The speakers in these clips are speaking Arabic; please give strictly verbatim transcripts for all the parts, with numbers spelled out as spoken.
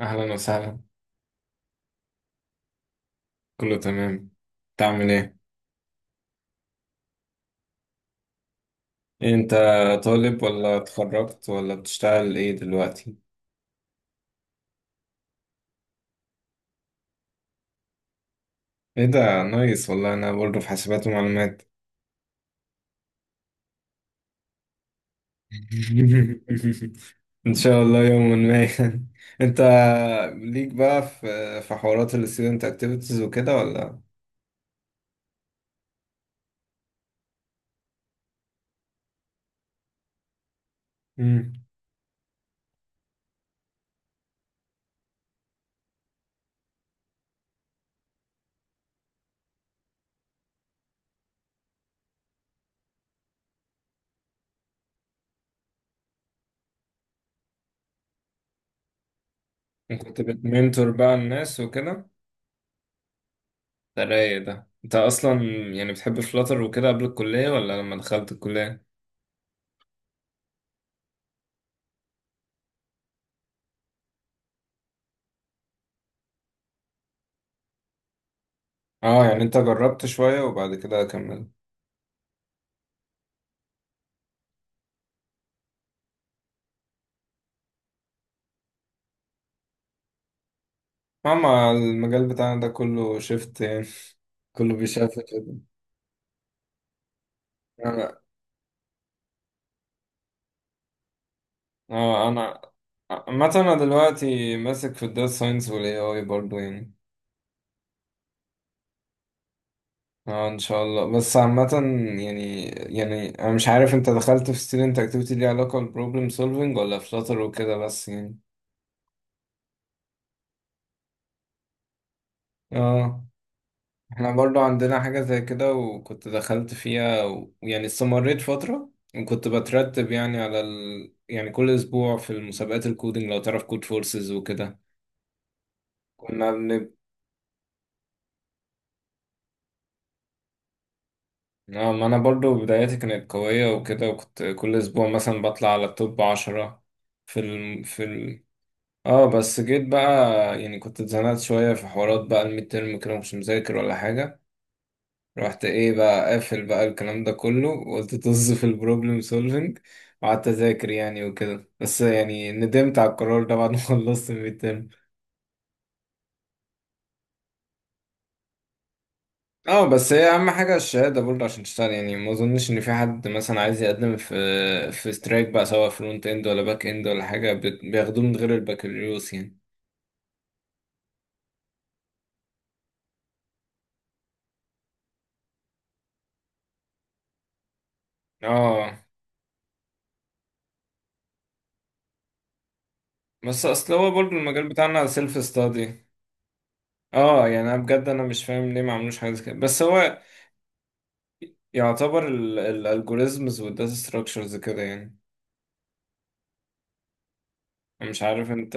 أهلا وسهلا. كله تمام. تعمل إيه؟ أنت طالب ولا اتخرجت ولا بتشتغل إيه دلوقتي؟ إيه ده، نايس والله، أنا برضه في حاسبات ومعلومات. إن شاء الله يوما ما. أنت ليك بقى في في حوارات ال student activities وكده ولا؟ مم. كنت بتمنتور بقى الناس وكده؟ ده رايق ده، أنت أصلا يعني بتحب فلاتر وكده قبل الكلية ولا لما دخلت الكلية؟ اه، يعني انت جربت شوية وبعد كده كملت. أما المجال بتاعنا ده كله شفت يعني، كله بيشاف كده. أنا آه، أنا عامة أنا دلوقتي ماسك في الداتا ساينس وال إيه آي برضه يعني. اه، ان شاء الله، بس عامة يعني يعني انا مش عارف انت دخلت في student activity ليها علاقة بالبروبلم سولفينج ولا في شاطر وكده، بس يعني. اه، احنا برضو عندنا حاجة زي كده وكنت دخلت فيها و- ويعني استمريت فترة، وكنت بترتب يعني على ال... يعني كل اسبوع في المسابقات الكودينج، لو تعرف كود فورسز وكده. كنا بن... آه، ما أنا برضو بداياتي كانت قوية وكده، وكنت كل أسبوع مثلا بطلع على التوب عشرة في ال... في ال... اه بس جيت بقى، يعني كنت اتزنقت شوية في حوارات بقى الميد ترم كده، مش مذاكر ولا حاجة. رحت ايه بقى، قافل بقى الكلام ده كله وقلت طز في البروبلم سولفينج وقعدت اذاكر يعني وكده. بس يعني ندمت على القرار ده بعد ما خلصت الميد. اه، بس هي اهم حاجه الشهاده برضه عشان تشتغل يعني، ما اظنش ان في حد مثلا عايز يقدم في في سترايك بقى، سواء فرونت اند ولا باك اند ولا حاجه، بت- بياخدوه من غير البكالوريوس يعني. اه. بس اصل هو برضه المجال بتاعنا سيلف ستادي. اه يعني انا بجد انا مش فاهم ليه ما عملوش حاجه زي كده، بس هو يعتبر الالجوريزمز والداتا ستراكشرز كده يعني. أنا مش عارف انت.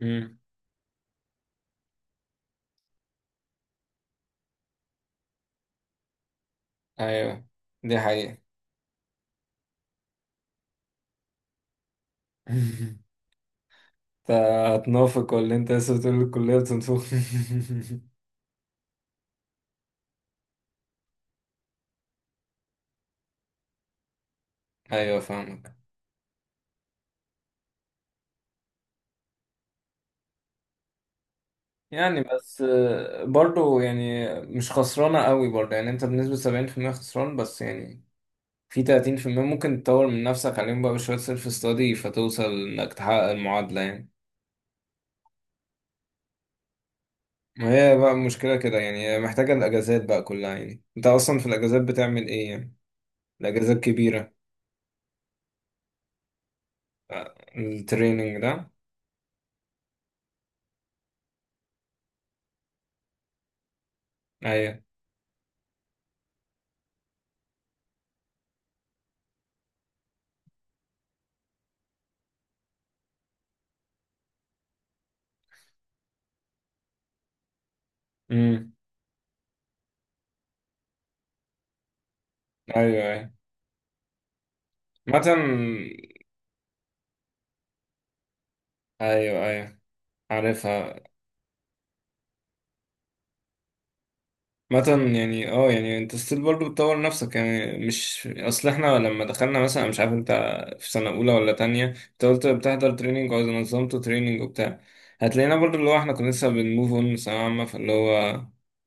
مم. ايوه، دي حقيقه. انت هتنافق ولا انت لسه بتقول الكليه بتنفخ؟ ايوه فاهمك. يعني بس آه، برضو يعني مش خسرانة قوي برضو، يعني انت بنسبة سبعين في المية خسران، بس يعني في تلاتين في المية ممكن تطور من نفسك عليهم بقى بشوية سيلف استادي، فتوصل انك تحقق المعادلة يعني. ما هي بقى المشكلة كده يعني، هي محتاجة الأجازات بقى كلها. يعني انت أصلا في الأجازات بتعمل ايه يعني؟ الأجازات كبيرة. آه، التريننج ده. أيوه. امم. أيوه، أيوه، مثلا أيوه، أيوه، عارفها. مثلا يعني اه، يعني انت ستيل برضه بتطور نفسك يعني. مش اصل احنا لما دخلنا، مثلا أنا مش عارف انت في سنة اولى ولا تانية، انت قلت بتحضر تريننج او نظمته تريننج وبتاع. هتلاقينا برضه، اللي هو احنا كنا لسه بنموف اون ثانوية عامة، فاللي هو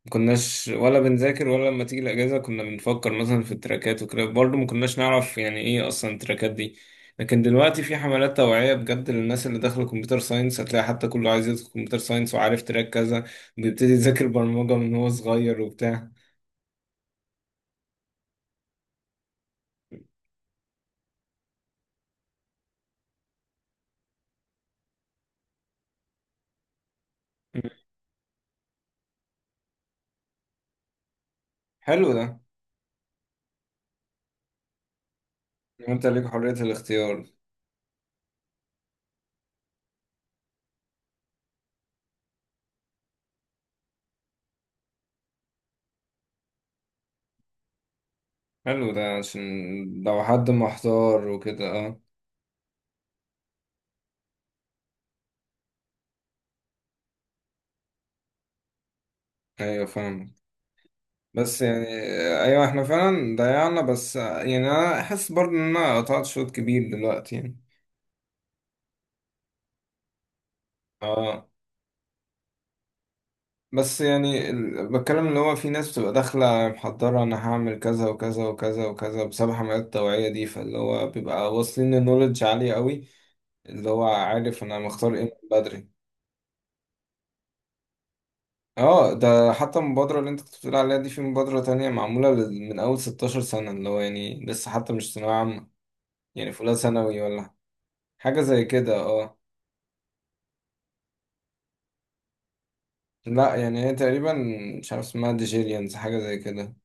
ما كناش ولا بنذاكر، ولا لما تيجي الاجازة كنا بنفكر مثلا في التراكات وكده، برضه ما كناش نعرف يعني ايه اصلا التراكات دي. لكن دلوقتي في حملات توعية بجد للناس اللي داخلة كمبيوتر ساينس، هتلاقي حتى كله عايز يدخل كمبيوتر ساينس وعارف تراك كذا، بيبتدي يذاكر برمجة من هو صغير وبتاع. مم. حلو ده. إن انت ليك حرية الاختيار. حلو ده، عشان لو حد محتار وكده. اه. ايوه فاهم. بس يعني، ايوه احنا فعلا ضيعنا، بس يعني انا حاسس برضه ان انا قطعت شوط كبير دلوقتي يعني. اه بس يعني ال- بتكلم اللي هو في ناس بتبقى داخلة محضرة، انا هعمل كذا وكذا وكذا وكذا، بسبب حملات التوعية دي، فاللي هو بيبقى واصلين لنولج عالية قوي، اللي هو عارف انا مختار ايه من بدري. اه، ده حتى المبادرة اللي انت كنت بتقول عليها دي، في مبادرة تانية معمولة لل- من أول ستاشر سنة، اللي هو يعني لسه حتى مش ثانوية عامة، يعني في أولى ثانوي ولا حاجة زي كده، اه. لا يعني هي تقريبا، مش عارف اسمها، ديجيريانز حاجة زي كده.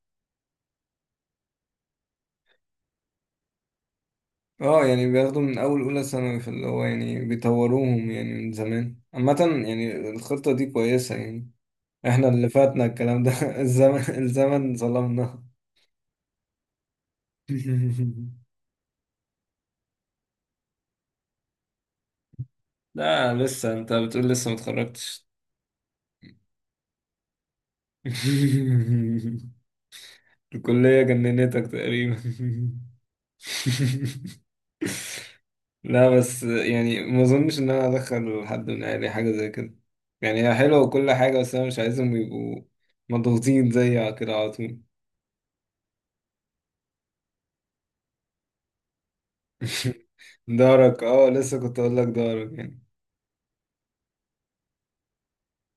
اه، يعني بياخدوا من أول أولى ثانوي، فاللي هو يعني بيطوروهم يعني من زمان. عامة يعني الخطة دي كويسة يعني. احنا اللي فاتنا الكلام ده الزمن، الزمن ظلمنا. لا، لسه انت بتقول لسه متخرجتش. الكلية جننتك تقريبا. لا، بس يعني ما اظنش ان انا ادخل حد من اهلي حاجة زي كده. يعني هي حلوة وكل حاجة، بس انا مش عايزهم يبقوا مضغوطين زي كده على طول. دارك. اه لسه كنت اقول لك دارك يعني.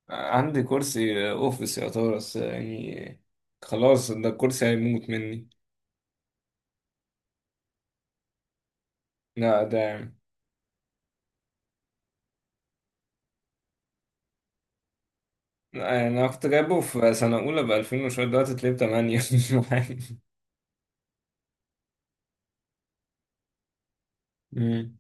عندي كرسي اوفيس يا طارق، بس يعني خلاص، ده الكرسي هيموت مني. لا، ده يعني، لا، يعني انا كنت جايبه في سنة اولى ب ألفين وشوية، دلوقتي تلاقيه ب تمنية. مم.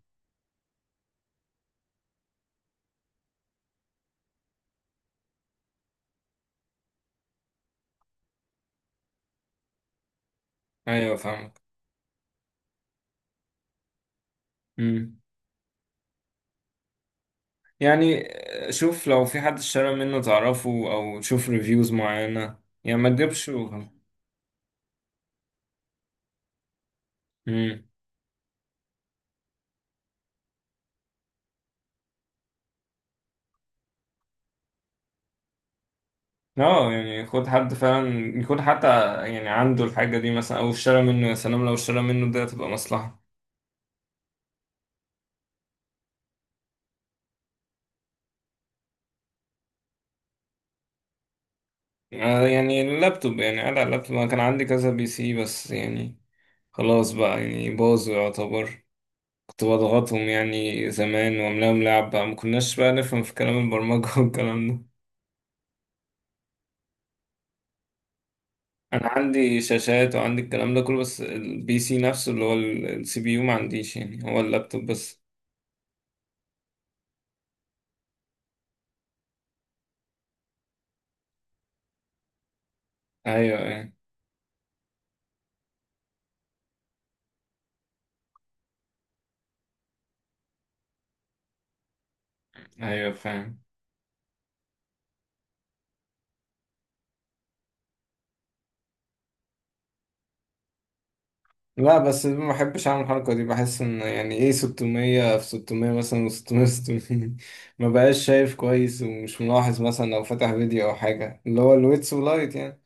ايوه فاهمك. امم. يعني شوف، لو في حد اشترى منه تعرفه، او تشوف ريفيوز معينة، يعني ما تجيبش. امم. اه يعني خد حد فعلا يكون حتى يعني عنده الحاجة دي، مثلا او اشترى منه، يا سلام لو اشترى منه ده، تبقى مصلحة. آه، يعني اللابتوب، يعني قاعد على اللابتوب. انا كان عندي كذا بي سي بس يعني خلاص بقى، يعني باظوا يعتبر، كنت بضغطهم يعني زمان واملاهم لعب بقى، ما كناش بقى نفهم في كلام البرمجة والكلام ده. انا عندي شاشات وعندي الكلام ده كله، بس البي سي نفسه اللي هو السي بي يو ما عنديش، يعني هو اللابتوب بس. ايوه، ايوه. ايوه فاهم. لا، بس ما بحبش اعمل الحركه دي، بحس ان يعني ايه، ستمية في ستمية مثلا و600 ستمية ما بقاش شايف كويس، ومش ملاحظ مثلا لو فتح فيديو او حاجه، اللي هو الويتس ولايت يعني.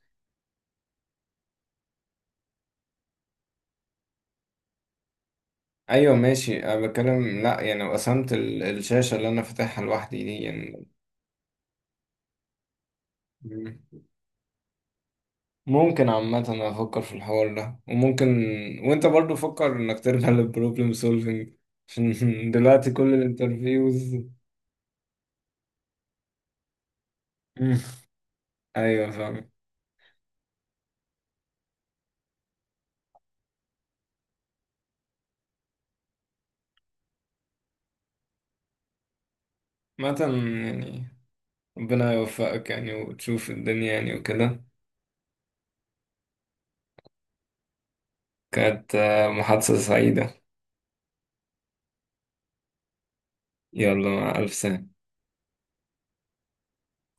ايوه ماشي، انا بتكلم لا يعني لو قسمت ال- الشاشه اللي انا فاتحها لوحدي دي يعني. ممكن عامة أفكر في الحوار ده، وممكن، وأنت برضو فكر إنك ترجع للبروبلم سولفينج، عشان دلوقتي كل الانترفيوز. مم. أيوة فاهم. عامة يعني ربنا يوفقك يعني، وتشوف الدنيا يعني وكده. كانت آه، محادثة سعيدة. يلا، مع ألف سنة.